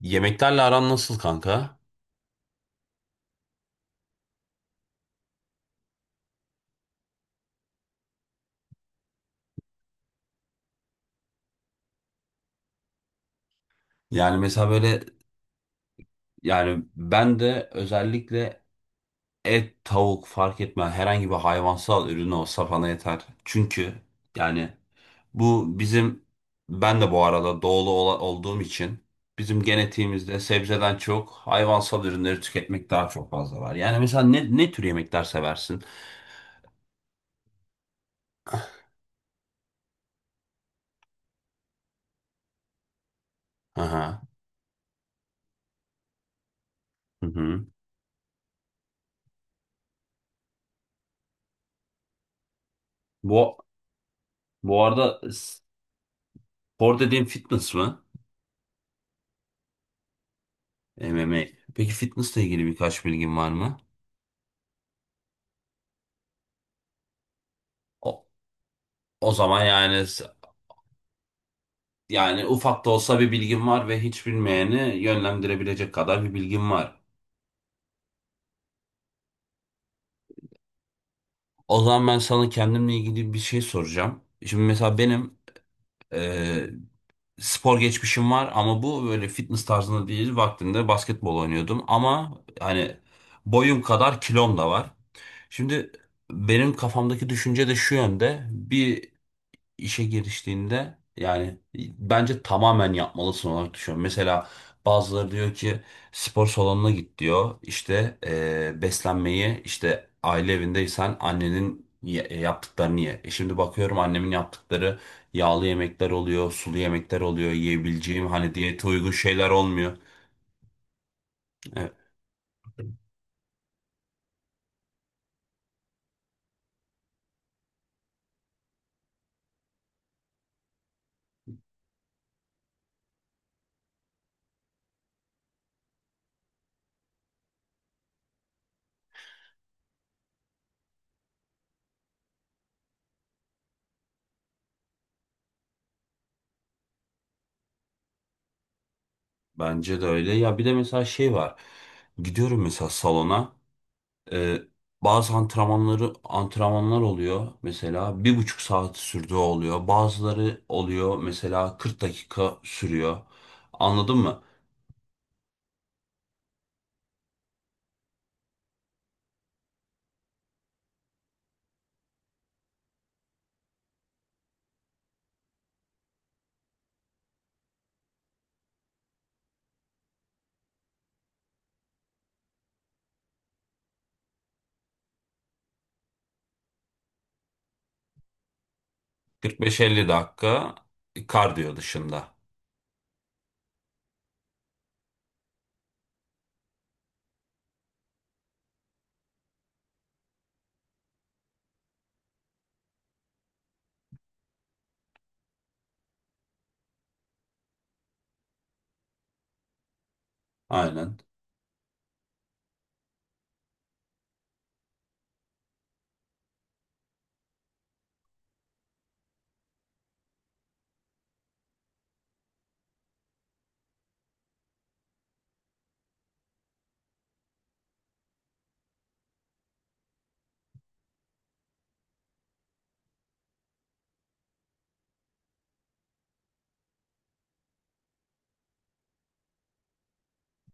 Yemeklerle aran nasıl kanka? Yani mesela böyle. Yani ben de özellikle et, tavuk fark etmez, herhangi bir hayvansal ürün olsa bana yeter. Çünkü yani bu bizim ben de bu arada olduğum için bizim genetiğimizde sebzeden çok hayvansal ürünleri tüketmek daha çok fazla var. Yani mesela ne tür yemekler seversin? Aha. Hı hı. Bu, Bu arada spor dediğin fitness mı? MMA. Peki fitnessle ilgili birkaç bilgin var mı? O, O zaman yani ufak da olsa bir bilgim var ve hiç bilmeyeni yönlendirebilecek kadar bir bilgim var. O zaman ben sana kendimle ilgili bir şey soracağım. Şimdi mesela benim e, spor geçmişim var ama bu böyle fitness tarzında değil. Vaktinde basketbol oynuyordum ama hani boyum kadar kilom da var. Şimdi benim kafamdaki düşünce de şu yönde. Bir işe giriştiğinde yani bence tamamen yapmalısın olarak düşünüyorum. Mesela bazıları diyor ki spor salonuna git diyor. İşte beslenmeyi işte aile evindeysen yaptıklarını ye. E şimdi bakıyorum annemin yaptıkları yağlı yemekler oluyor, sulu yemekler oluyor, yiyebileceğim hani diyete uygun şeyler olmuyor. Evet, bence de öyle. Ya bir de mesela şey var. Gidiyorum mesela salona. Ee, bazı antrenmanlar oluyor, mesela bir buçuk saat sürdüğü oluyor. Bazıları oluyor mesela 40 dakika sürüyor. Anladın mı? 45-50 dakika kardiyo dışında. Aynen.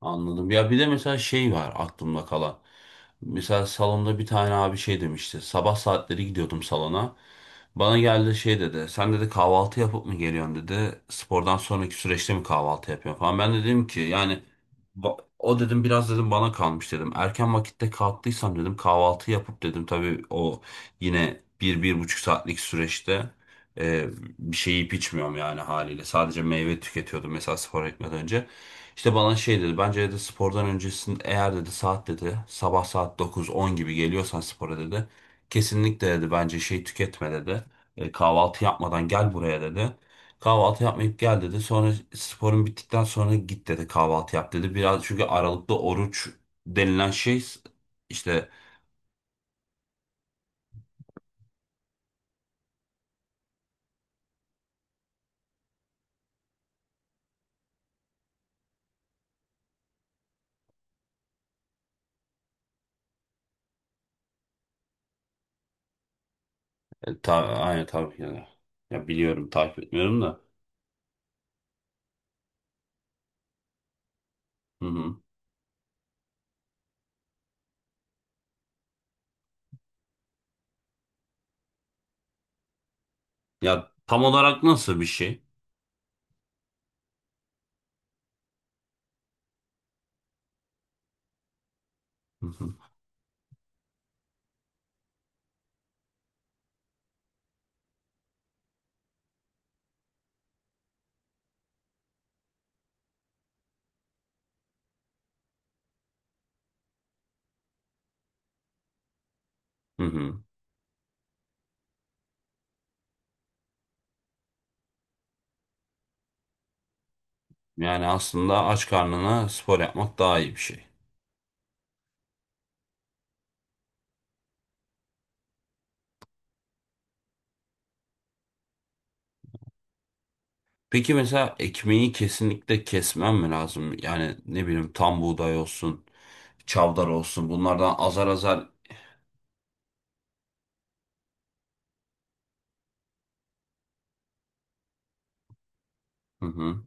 Anladım. Ya bir de mesela şey var aklımda kalan. Mesela salonda bir tane abi şey demişti. Sabah saatleri gidiyordum salona. Bana geldi şey dedi. Sen dedi kahvaltı yapıp mı geliyorsun dedi. Spordan sonraki süreçte mi kahvaltı yapıyorsun falan. Ben de dedim ki yani o dedim biraz dedim bana kalmış dedim. Erken vakitte kalktıysam dedim kahvaltı yapıp dedim. Tabii o yine bir buçuk saatlik süreçte e, bir şey yiyip içmiyorum yani haliyle. Sadece meyve tüketiyordum mesela spor etmeden önce. İşte bana şey dedi. Bence dedi spordan öncesinde eğer dedi saat dedi sabah saat 9-10 gibi geliyorsan spora dedi. Kesinlikle dedi bence şey tüketme dedi. Kahvaltı yapmadan gel buraya dedi. Kahvaltı yapmayıp gel dedi. Sonra sporun bittikten sonra git dedi kahvaltı yap dedi. Biraz çünkü aralıklı oruç denilen şey işte aynı tabii yani. Ya biliyorum takip etmiyorum da. Hı hı. Ya tam olarak nasıl bir şey? Hı hı. Hı hı. Yani aslında aç karnına spor yapmak daha iyi bir şey. Peki mesela ekmeği kesinlikle kesmem mi lazım? Yani ne bileyim tam buğday olsun, çavdar olsun, bunlardan azar azar. Hı hı.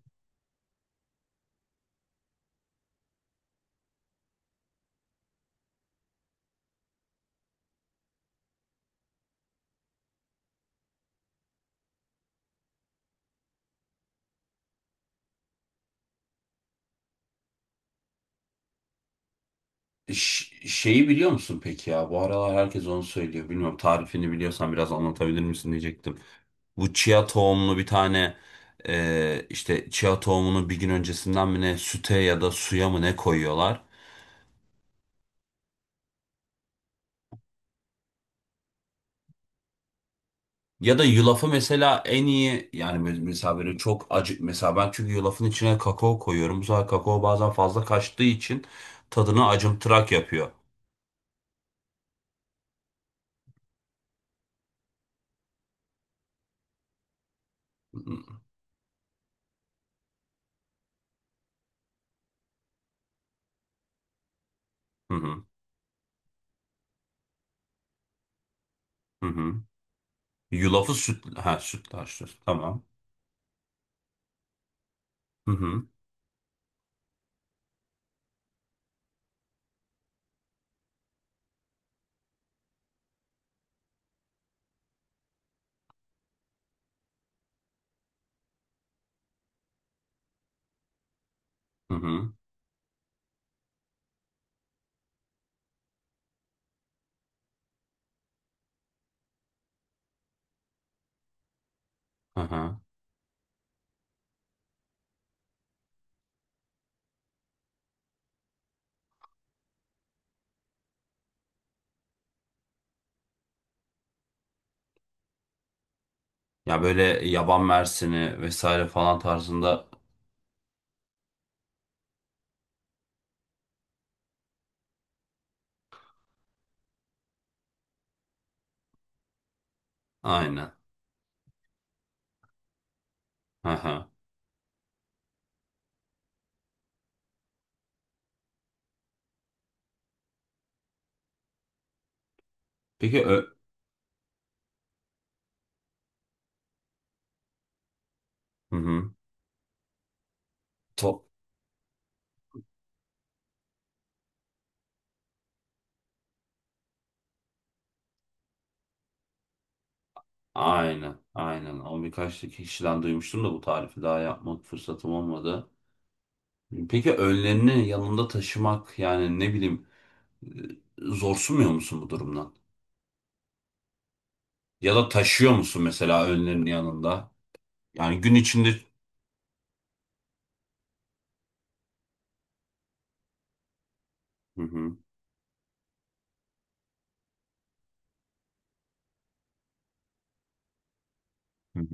Şeyi biliyor musun peki ya? Bu aralar herkes onu söylüyor. Bilmiyorum, tarifini biliyorsan biraz anlatabilir misin diyecektim. Bu chia tohumlu bir tane, işte chia tohumunu bir gün öncesinden mi ne, süte ya da suya mı ne koyuyorlar? Ya da yulafı mesela en iyi mesela böyle çok acı, mesela ben çünkü yulafın içine kakao koyuyorum. Bu sefer kakao bazen fazla kaçtığı için tadını acımtırak yapıyor. Hı hı hı hı. Yulafı süt ha sütlaç süt. Tamam. Hı hı hı hı. Hı hı. Ya böyle yaban mersini vesaire falan tarzında. Aynen. Hı hı. Peki ö Hı hı. Top aynen aynen. O birkaç kişiden duymuştum da bu tarifi daha yapmak fırsatım olmadı. Peki önlerini yanında taşımak, yani ne bileyim, e, zorsunmuyor musun bu durumdan? Ya da taşıyor musun mesela önlerini yanında? Yani gün içinde. Hı hı. Hı hı.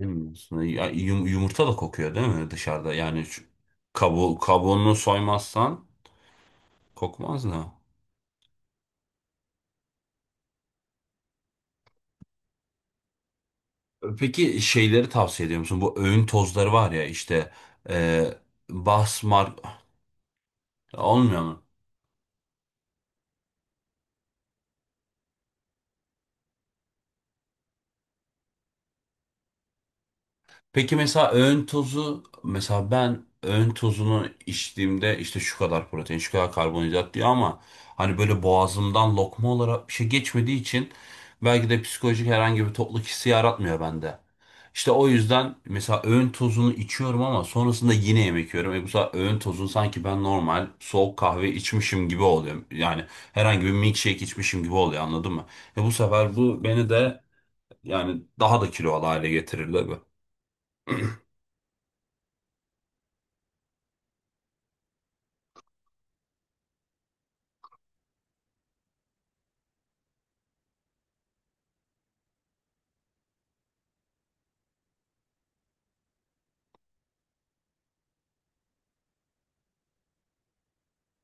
Bilmiyorsun. Ya yumurta da kokuyor değil mi dışarıda? Yani şu kabuğunu soymazsan kokmaz da. Peki şeyleri tavsiye ediyor musun? Bu öğün tozları var ya işte, e, basmar olmuyor mu? Peki mesela öğün tozu, mesela ben öğün tozunu içtiğimde işte şu kadar protein, şu kadar karbonhidrat diyor ama hani böyle boğazımdan lokma olarak bir şey geçmediği için belki de psikolojik herhangi bir tokluk hissi yaratmıyor bende. İşte o yüzden mesela öğün tozunu içiyorum ama sonrasında yine yemek yiyorum. E bu sefer öğün tozunu sanki ben normal soğuk kahve içmişim gibi oluyor. Yani herhangi bir milkshake içmişim gibi oluyor, anladın mı? E bu sefer bu beni de yani daha da kilolu hale getirir tabii.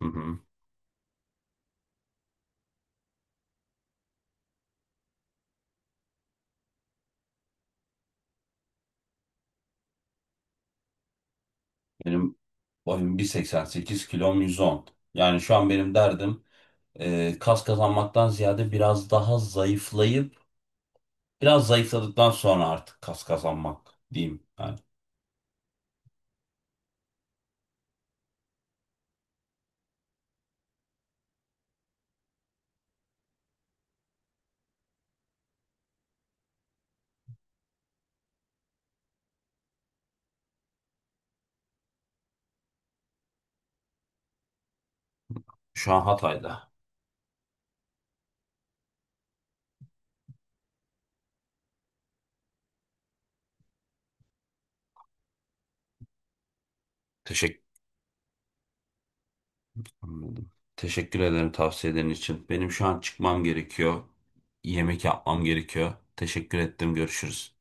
Hı hı. Benim boyum 1,88, kilom 110. Yani şu an benim derdim kas kazanmaktan ziyade biraz daha zayıflayıp, biraz zayıfladıktan sonra artık kas kazanmak diyeyim. Yani şu an Hatay'da. Teşekkür Anladım. Teşekkür ederim tavsiyelerin için. Benim şu an çıkmam gerekiyor. Yemek yapmam gerekiyor. Teşekkür ettim. Görüşürüz.